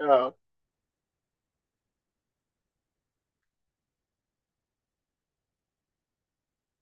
اه،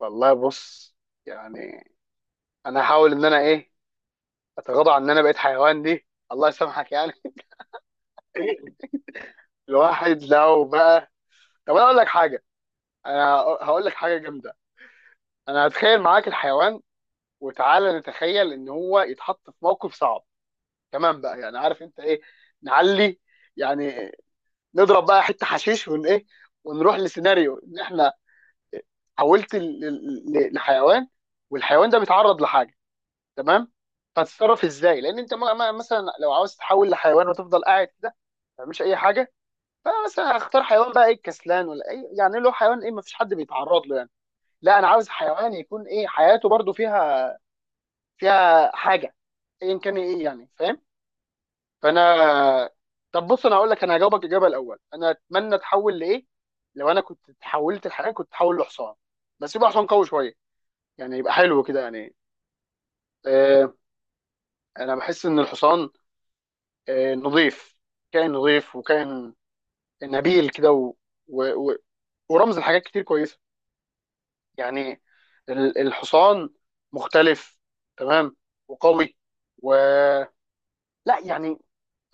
والله بص، يعني انا هحاول ان انا ايه، اتغاضى عن ان انا بقيت حيوان دي، الله يسامحك يعني. الواحد لو بقى، طب انا اقول لك حاجه، انا هقول لك حاجه جامده. انا هتخيل معاك الحيوان، وتعالى نتخيل ان هو يتحط في موقف صعب، تمام بقى، يعني عارف انت ايه، نعلي يعني، نضرب بقى حته حشيش ون ايه، ونروح لسيناريو ان احنا حولت لحيوان والحيوان ده بيتعرض لحاجه، تمام. هتتصرف ازاي؟ لان انت مثلا لو عاوز تحول لحيوان وتفضل قاعد كده ما تعملش اي حاجه. فمثلا هختار حيوان بقى ايه، الكسلان؟ ولا اي يعني له حيوان ايه، ما فيش حد بيتعرض له يعني. لا انا عاوز حيوان يكون ايه، حياته برضو فيها حاجه ايا كان ايه يعني، فاهم؟ فانا، طب بص، انا هقول لك، انا هجاوبك الاجابه الاول، انا اتمنى اتحول لايه. لو انا كنت اتحولت لحيوان كنت اتحول لحصان، بس يبقى حصان قوي شويه، يعني يبقى حلو كده يعني. آه، انا بحس ان الحصان نظيف، كائن نظيف، وكائن نبيل كده و... و... ورمز لحاجات كتير كويسه. يعني الحصان مختلف، تمام، وقوي، و، لا يعني،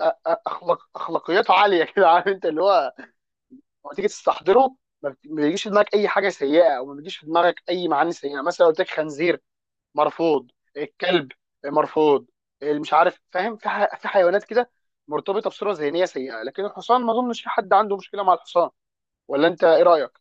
اخلاق اخلاقياته عاليه كده. عارف انت اللي هو لما تيجي تستحضره ما بيجيش في دماغك اي حاجه سيئه، او ما بيجيش في دماغك اي معاني سيئه. مثلا لو قلت لك خنزير، مرفوض. الكلب، مرفوض. مش عارف، فاهم، في في حيوانات كده مرتبطه بصوره ذهنيه سيئه، لكن الحصان ما اظنش في حد عنده مشكله مع الحصان. ولا انت ايه رايك؟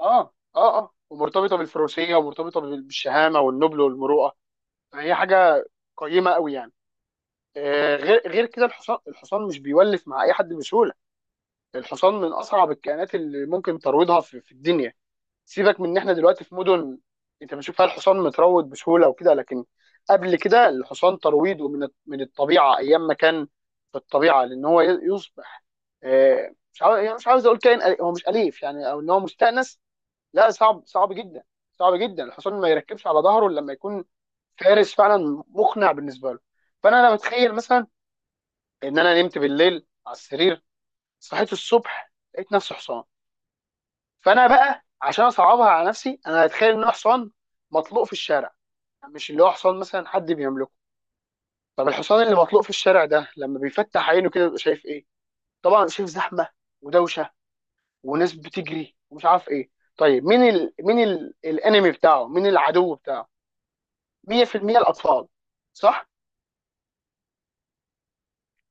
اه، اه، اه، ومرتبطه بالفروسيه، ومرتبطه بالشهامه والنبل والمروءه. فهي حاجه قيمه قوي يعني. آه، غير كده، الحصان، الحصان مش بيولف مع اي حد بسهوله. الحصان من اصعب الكائنات اللي ممكن ترويضها في الدنيا. سيبك من ان احنا دلوقتي في مدن انت بتشوف فيها الحصان متروض بسهوله وكده، لكن قبل كده الحصان ترويضه من الطبيعه، ايام ما كان في الطبيعه، لان هو يصبح، مش عاوز يعني، مش عاوز اقول كائن هو مش اليف يعني، او ان هو مستانس. لا، صعب، صعب جدا، صعب جدا. الحصان ما يركبش على ظهره إلا لما يكون فارس فعلا مقنع بالنسبه له. فانا بتخيل مثلا ان انا نمت بالليل على السرير، صحيت الصبح لقيت نفسي حصان. فانا بقى عشان اصعبها على نفسي انا هتخيل ان هو حصان مطلوق في الشارع، مش اللي هو حصان مثلا حد بيملكه. طب الحصان اللي مطلوق في الشارع ده لما بيفتح عينه كده بيبقى شايف ايه؟ طبعا شايف زحمه ودوشه، وناس بتجري، ومش عارف ايه. طيب مين الانمي بتاعه، مين العدو بتاعه؟ 100% الاطفال، صح.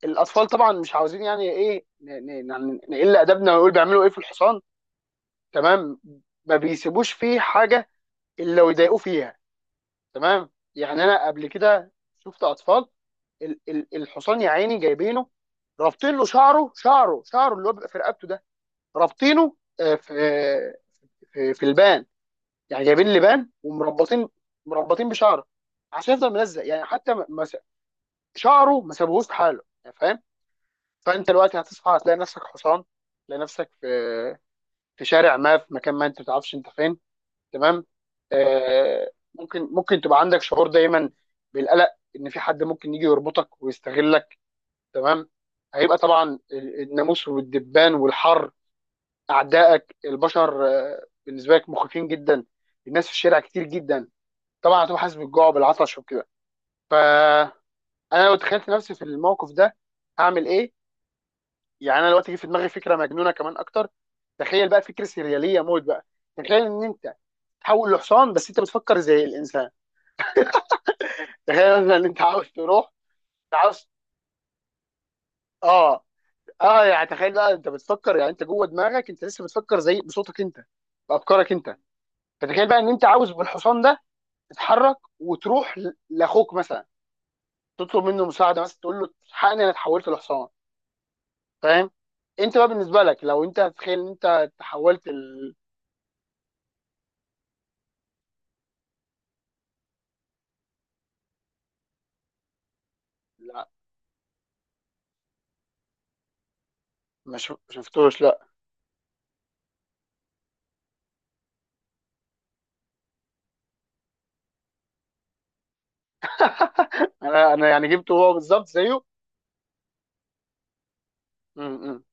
الاطفال طبعا مش عاوزين يعني ايه نقل ادبنا ونقول بيعملوا ايه في الحصان، تمام؟ ما بيسيبوش فيه حاجه الا ويضايقوه فيها. تمام، يعني انا قبل كده شفت اطفال الحصان يا عيني جايبينه، رابطين له شعره، اللي هو بيبقى في رقبته ده، رابطينه آه، في البان يعني جايبين لبان ومربطين، بشعره عشان يفضل ملزق، يعني حتى ما ما س- شعره ما سابوهوش في حاله يعني، فاهم؟ فانت دلوقتي هتصحى، هتلاقي نفسك حصان، تلاقي نفسك في شارع ما، في مكان ما انت ما تعرفش انت فين. تمام، آه، ممكن، تبقى عندك شعور دايما بالقلق، ان في حد ممكن يجي يربطك ويستغلك. تمام. هيبقى طبعا الناموس والدبان والحر، اعدائك البشر، آه، بالنسبه لك مخيفين جدا. الناس في الشارع كتير جدا. طبعا هتبقى حاسس بالجوع وبالعطش وكده. فانا لو تخيلت نفسي في الموقف ده هعمل ايه؟ يعني انا دلوقتي جه في دماغي فكره مجنونه كمان اكتر. تخيل بقى فكره سرياليه موت بقى، تخيل ان انت تحول لحصان بس انت بتفكر زي الانسان. تخيل مثلا ان انت عاوز تروح، انت عاوز، اه، اه، يعني تخيل بقى انت بتفكر، يعني انت جوه دماغك انت لسه بتفكر زي بصوتك انت، بافكارك انت. فتخيل بقى ان انت عاوز بالحصان ده تتحرك وتروح لاخوك مثلا، تطلب منه مساعده، مثلا تقول له الحقني انا اتحولت لحصان، فاهم؟ انت بقى بالنسبه لك، لو انت تخيل ان انت تحولت ال... لا، ما شفتوش لا. انا يعني جبته هو بالظبط زيه. م-. م.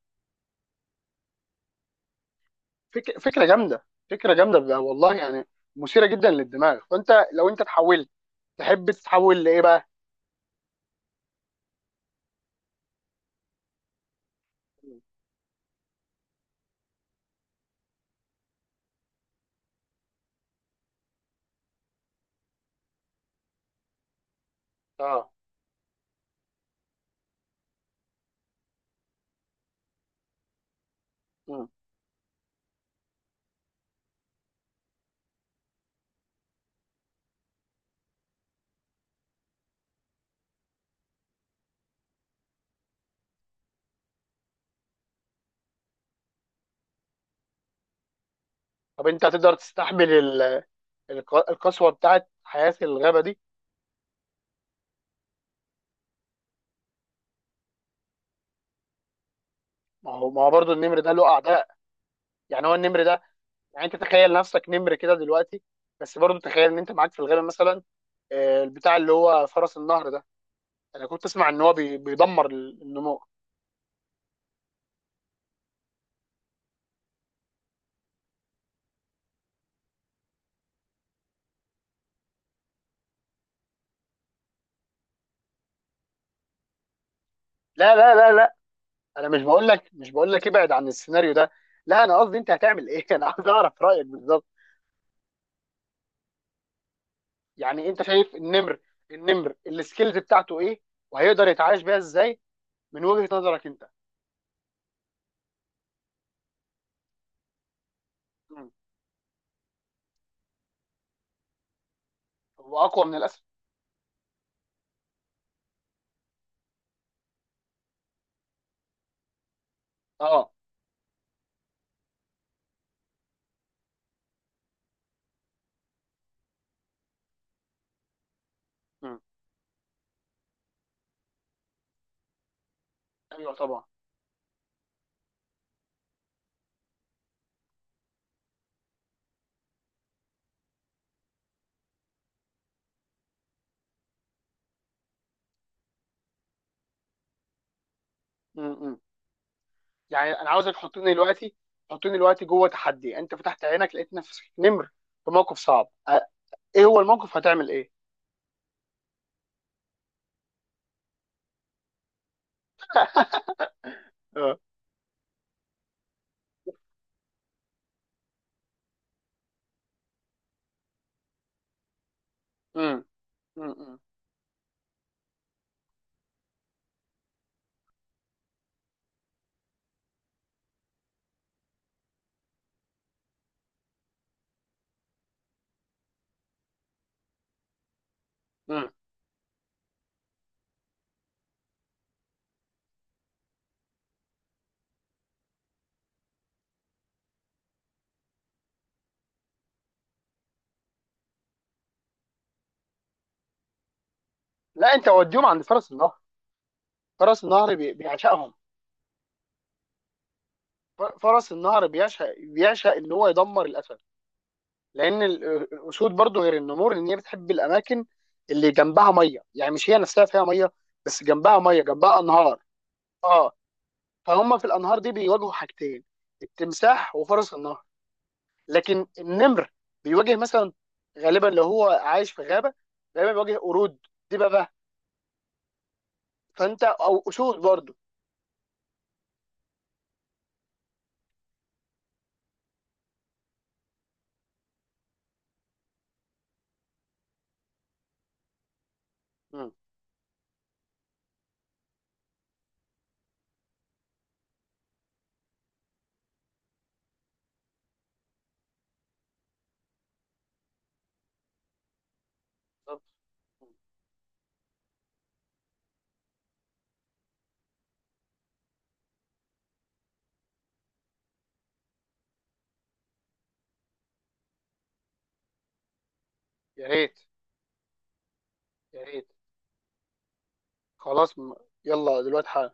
فكره جامده، فكره جامده بقى، والله يعني مثيره جدا للدماغ. فانت لو انت اتحولت تحب تتحول لايه بقى؟ مم. اه. مم. طب انت هتقدر تستحمل القسوه بتاعت حياه الغابه دي؟ ما هو برضه النمر ده له اعداء، يعني هو النمر ده، يعني انت تخيل نفسك نمر كده دلوقتي، بس برضه تخيل ان انت معاك في الغابه مثلا آه، البتاع اللي هو فرس النهر ده، انا كنت اسمع ان هو بيدمر النمور لا، لا، لا، لا، انا مش بقول لك، ابعد عن السيناريو ده. لا انا قصدي انت هتعمل ايه؟ انا عايز اعرف رايك بالظبط. يعني انت شايف النمر، النمر السكيلز بتاعته ايه، وهيقدر يتعايش بيها ازاي، من وجهة نظرك انت؟ مم. هو اقوى من الاسد. اه. مم. ايوه طبعا. مم. مم. يعني انا عاوزك تحطني دلوقتي، جوه تحدي، انت فتحت عينك لقيت نفسك نمر في موقف صعب، آه. ايه هو الموقف، هتعمل ايه؟ اه. مم. مم. مم. مم. لا، انت وديهم عند فرس النهر، فرس النهر بيعشقهم فرس النهر بيعشق، ان هو يدمر الاسد، لان الاسود برضو، غير النمور، ان هي بتحب الاماكن اللي جنبها ميه، يعني مش هي نفسها فيها ميه، بس جنبها ميه، جنبها انهار. اه، فهم في الانهار دي بيواجهوا حاجتين، التمساح وفرس النهر. لكن النمر بيواجه مثلا، غالبا لو هو عايش في غابه، غالبا بيواجه قرود، دببه، فانت، او اسود برضو. مم. بالظبط. يا ريت، يا ريت. خلاص، م-، يلا دلوقتي.